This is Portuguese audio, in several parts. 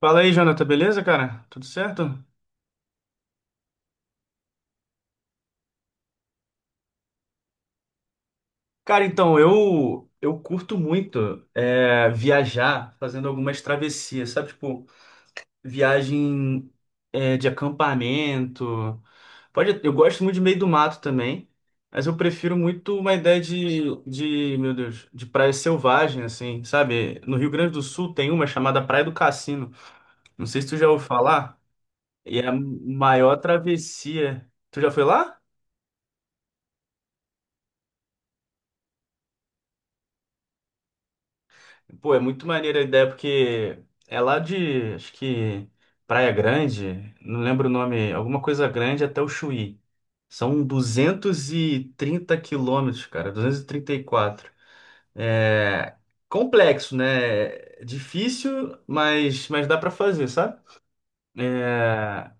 Fala aí, Jonathan, beleza, cara? Tudo certo? Cara, então, eu curto muito viajar fazendo algumas travessias, sabe? Tipo, viagem de acampamento. Pode, eu gosto muito de meio do mato também, mas eu prefiro muito uma ideia meu Deus, de praia selvagem, assim, sabe? No Rio Grande do Sul tem uma chamada Praia do Cassino. Não sei se tu já ouviu falar, e é a maior travessia. Tu já foi lá? Pô, é muito maneira a ideia, porque é lá de, acho que, Praia Grande, não lembro o nome, alguma coisa grande até o Chuí. São 230 quilômetros, cara, duzentos e trinta e quatro. É complexo, né? É difícil, mas dá pra fazer, sabe? É,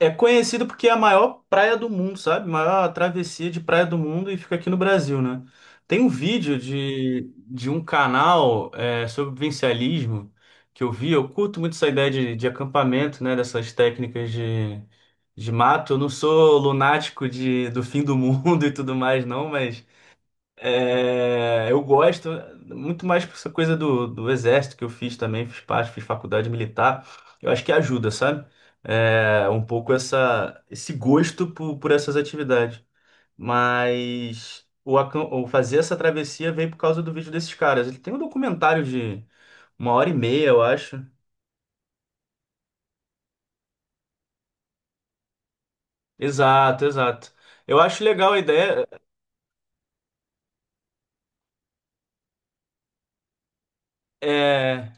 É conhecido porque é a maior praia do mundo, sabe? Maior travessia de praia do mundo e fica aqui no Brasil, né? Tem um vídeo de um canal sobre vivencialismo que eu vi. Eu curto muito essa ideia de acampamento, né? Dessas técnicas de mato. Eu não sou lunático de, do fim do mundo e tudo mais, não, mas eu gosto muito mais por essa coisa do exército que eu fiz também, fiz parte, fiz faculdade militar. Eu acho que ajuda, sabe? É, um pouco essa, esse gosto por essas atividades. Mas o fazer essa travessia veio por causa do vídeo desses caras. Ele tem um documentário de uma hora e meia, eu acho. Exato, exato. Eu acho legal a ideia. é,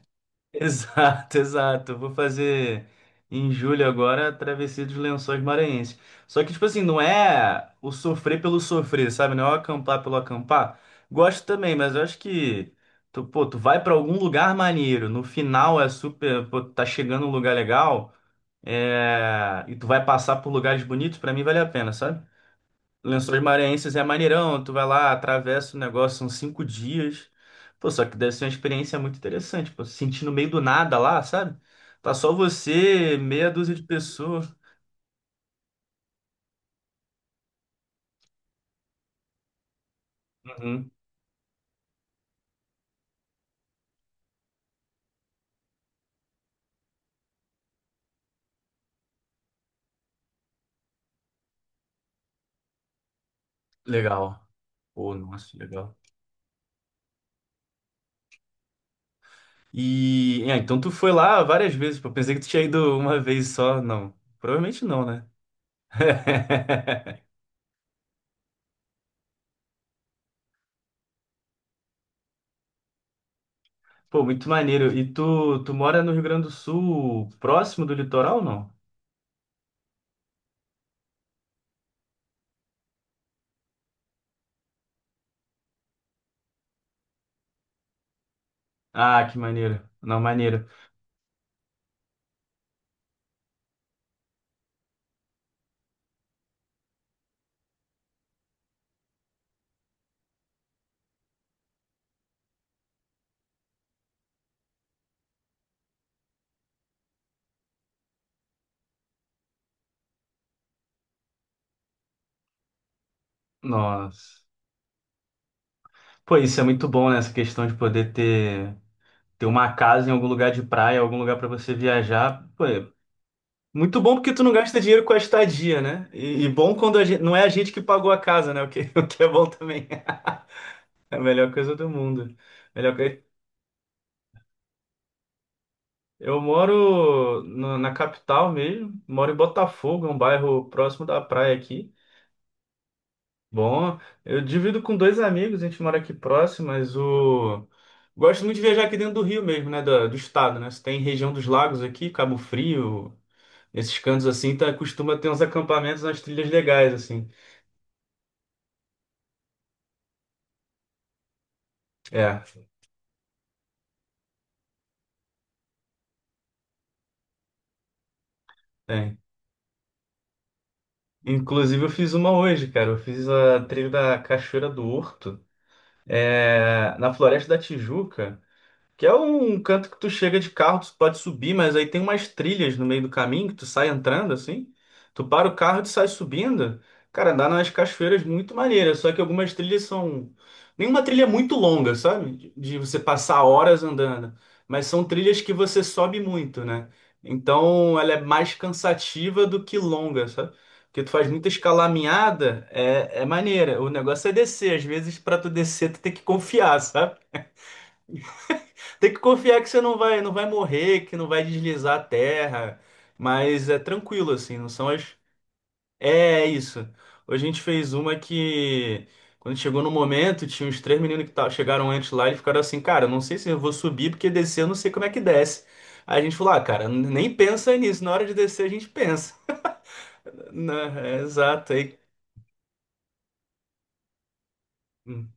Exato, exato. Vou fazer em julho agora a travessia dos Lençóis Maranhenses. Só que, tipo assim, não é o sofrer pelo sofrer, sabe? Não é o acampar pelo acampar. Gosto também, mas eu acho que tu, pô, tu vai pra algum lugar maneiro. No final é super, pô, tá chegando um lugar legal, e tu vai passar por lugares bonitos, pra mim vale a pena, sabe? Lençóis Maranhenses é maneirão, tu vai lá, atravessa o negócio, são cinco dias. Pô, só que deve ser uma experiência muito interessante, pô, se sentir no meio do nada lá, sabe? Tá só você, meia dúzia de pessoas. Uhum, legal. Pô, nossa, legal. E, é, então tu foi lá várias vezes, pô, pensei que tu tinha ido uma vez só, não. Provavelmente não, né? Pô, muito maneiro. E tu, tu mora no Rio Grande do Sul, próximo do litoral, ou não? Ah, que maneiro. Não, maneiro. Nossa. Pô, isso é muito bom, né? Essa questão de poder ter, ter uma casa em algum lugar de praia, algum lugar pra você viajar. Pô, é muito bom porque tu não gasta dinheiro com a estadia, né? E bom quando a gente, não é a gente que pagou a casa, né? O que, o que é bom também. É a melhor coisa do mundo. Melhor coisa. Eu moro na capital mesmo, moro em Botafogo, é um bairro próximo da praia aqui. Bom, eu divido com dois amigos, a gente mora aqui próximo, mas o. Gosto muito de viajar aqui dentro do Rio mesmo, né? Do estado, né? Você tem região dos lagos aqui, Cabo Frio, esses cantos assim, tá, costuma ter uns acampamentos nas trilhas legais, assim. É, tem. Inclusive eu fiz uma hoje, cara. Eu fiz a trilha da Cachoeira do Horto, na Floresta da Tijuca. Que é um canto que tu chega de carro, tu pode subir, mas aí tem umas trilhas no meio do caminho que tu sai entrando assim. Tu para o carro e tu sai subindo. Cara, andar nas cachoeiras muito maneira, só que algumas trilhas são. Nenhuma trilha é muito longa, sabe? De você passar horas andando. Mas são trilhas que você sobe muito, né? Então ela é mais cansativa do que longa, sabe? Porque tu faz muita escalaminhada, é, é maneira. O negócio é descer. Às vezes, para tu descer, tu tem que confiar, sabe? Tem que confiar que você não vai, não vai morrer, que não vai deslizar a terra, mas é tranquilo assim, não são as. É é isso. Hoje a gente fez uma que quando chegou no momento, tinha uns três meninos que chegaram antes lá e ficaram assim, cara, não sei se eu vou subir porque descer eu não sei como é que desce. Aí a gente falou, ah, cara, nem pensa nisso, na hora de descer a gente pensa. Não, é exato, aí hum,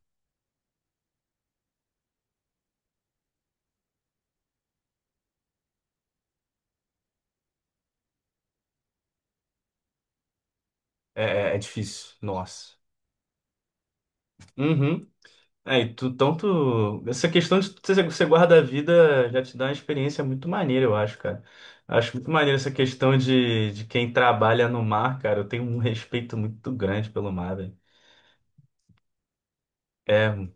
é, é difícil, nossa. Uhum. É, e tu, tanto. Essa questão de você guarda a vida já te dá uma experiência muito maneira, eu acho, cara. Acho muito maneiro essa questão de quem trabalha no mar, cara. Eu tenho um respeito muito grande pelo mar, velho. É,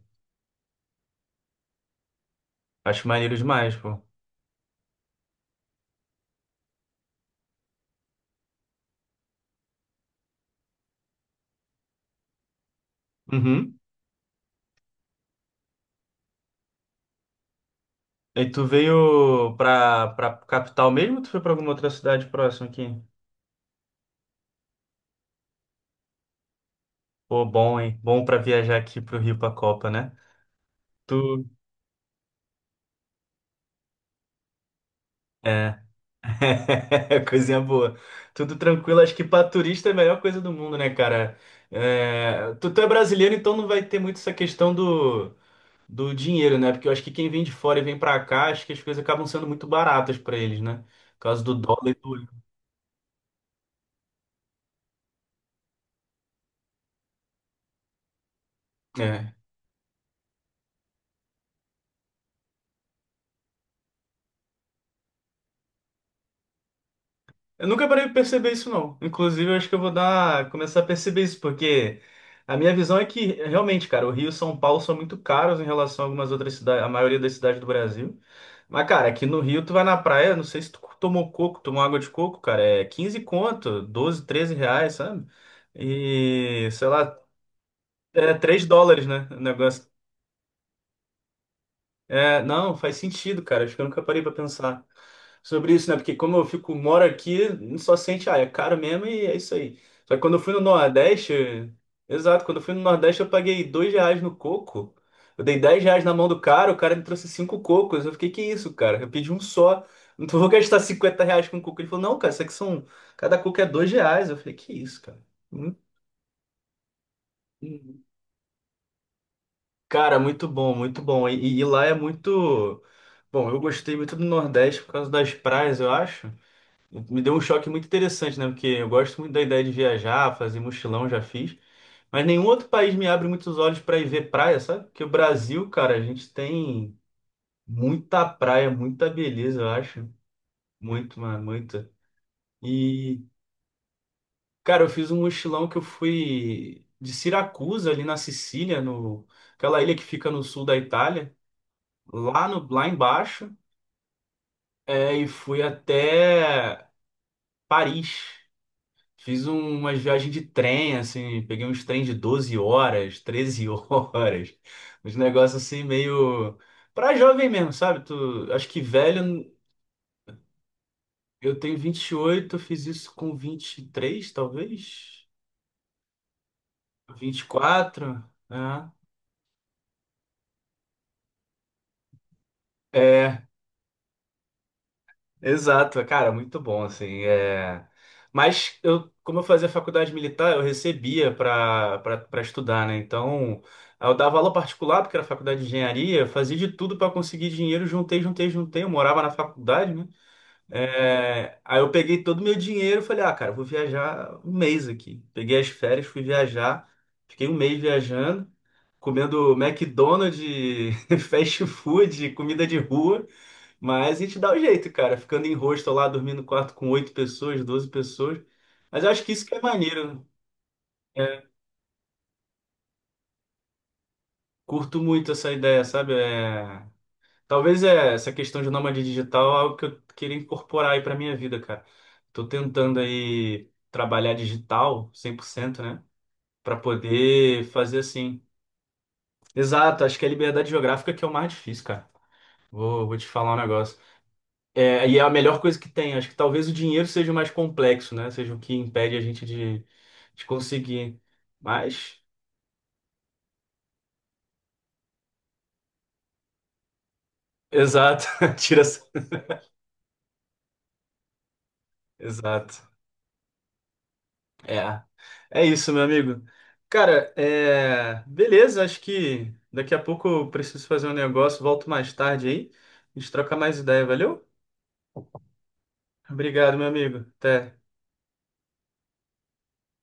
acho maneiro demais, pô. Uhum. E tu veio pra capital mesmo ou tu foi pra alguma outra cidade próxima aqui? Pô, bom, hein? Bom pra viajar aqui pro Rio pra Copa, né? Tu. É. Coisinha boa. Tudo tranquilo. Acho que pra turista é a melhor coisa do mundo, né, cara? É, tu é brasileiro, então não vai ter muito essa questão do dinheiro, né? Porque eu acho que quem vem de fora e vem pra, cá, acho que as coisas acabam sendo muito baratas pra eles, né? Por causa do dólar e do... Eu nunca parei de perceber isso, não. Inclusive, eu acho que eu vou dar, começar a perceber isso, porque a minha visão é que, realmente, cara, o Rio e São Paulo são muito caros em relação a algumas outras cidades, a maioria das cidades do Brasil. Mas, cara, aqui no Rio, tu vai na praia, não sei se tu tomou coco, tomou água de coco, cara, é 15 conto, 12, 13 reais, sabe? E, sei lá, é US$ 3, né? O negócio é, não, faz sentido, cara. Acho que eu nunca parei pra pensar sobre isso, né? Porque como eu fico, moro aqui, só sente, ah, é caro mesmo e é isso aí. Só que quando eu fui no Nordeste, exato, quando eu fui no Nordeste eu paguei R$ 2 no coco. Eu dei R$ 10 na mão do cara, o cara me trouxe cinco cocos. Eu fiquei, que isso, cara? Eu pedi um só. Não vou gastar R$ 50 com coco. Ele falou, não, cara, isso aqui são. Cada coco é R$ 2. Eu falei, que isso, cara? Hum. Cara, muito bom, muito bom. E lá é muito. Bom, eu gostei muito do Nordeste por causa das praias, eu acho. Me deu um choque muito interessante, né? Porque eu gosto muito da ideia de viajar, fazer mochilão, já fiz. Mas nenhum outro país me abre muitos olhos para ir ver praia, sabe? Porque o Brasil, cara, a gente tem muita praia, muita beleza, eu acho. Muito, mano, muita. E, cara, eu fiz um mochilão que eu fui de Siracusa, ali na Sicília, no... aquela ilha que fica no sul da Itália lá no lá embaixo. É, e fui até Paris. Fiz umas viagens de trem, assim, peguei uns trens de 12 horas, 13 horas, uns negócios assim meio pra jovem mesmo, sabe? Tu, acho que velho, eu tenho 28 eu fiz isso com 23 talvez, 24 né? É, exato, cara, muito bom, assim, é... Mas eu, como eu fazia faculdade militar, eu recebia para estudar, né? Então, eu dava aula particular, porque era faculdade de engenharia, fazia de tudo para conseguir dinheiro, juntei, juntei, juntei, eu morava na faculdade, né? É, aí eu peguei todo o meu dinheiro e falei, ah, cara, eu vou viajar um mês aqui. Peguei as férias, fui viajar, fiquei um mês viajando, comendo McDonald's, fast food, comida de rua, mas a gente dá o jeito, cara. Ficando em hostel lá, dormindo no quarto com oito pessoas, 12 pessoas. Mas eu acho que isso que é maneiro. Né? Curto muito essa ideia, sabe? É... Talvez é, essa questão de nômade digital é algo que eu queria incorporar aí pra minha vida, cara. Tô tentando aí trabalhar digital 100%, né? Pra poder fazer assim. Exato, acho que é a liberdade geográfica que é o mais difícil, cara. Vou te falar um negócio. É, e é a melhor coisa que tem. Acho que talvez o dinheiro seja o mais complexo, né? Seja o que impede a gente de conseguir. Mas, exato, tira. Essa- Exato. É. É isso, meu amigo. Cara, é... beleza, acho que daqui a pouco eu preciso fazer um negócio, volto mais tarde aí. A gente troca mais ideia, valeu? Obrigado, meu amigo. Até.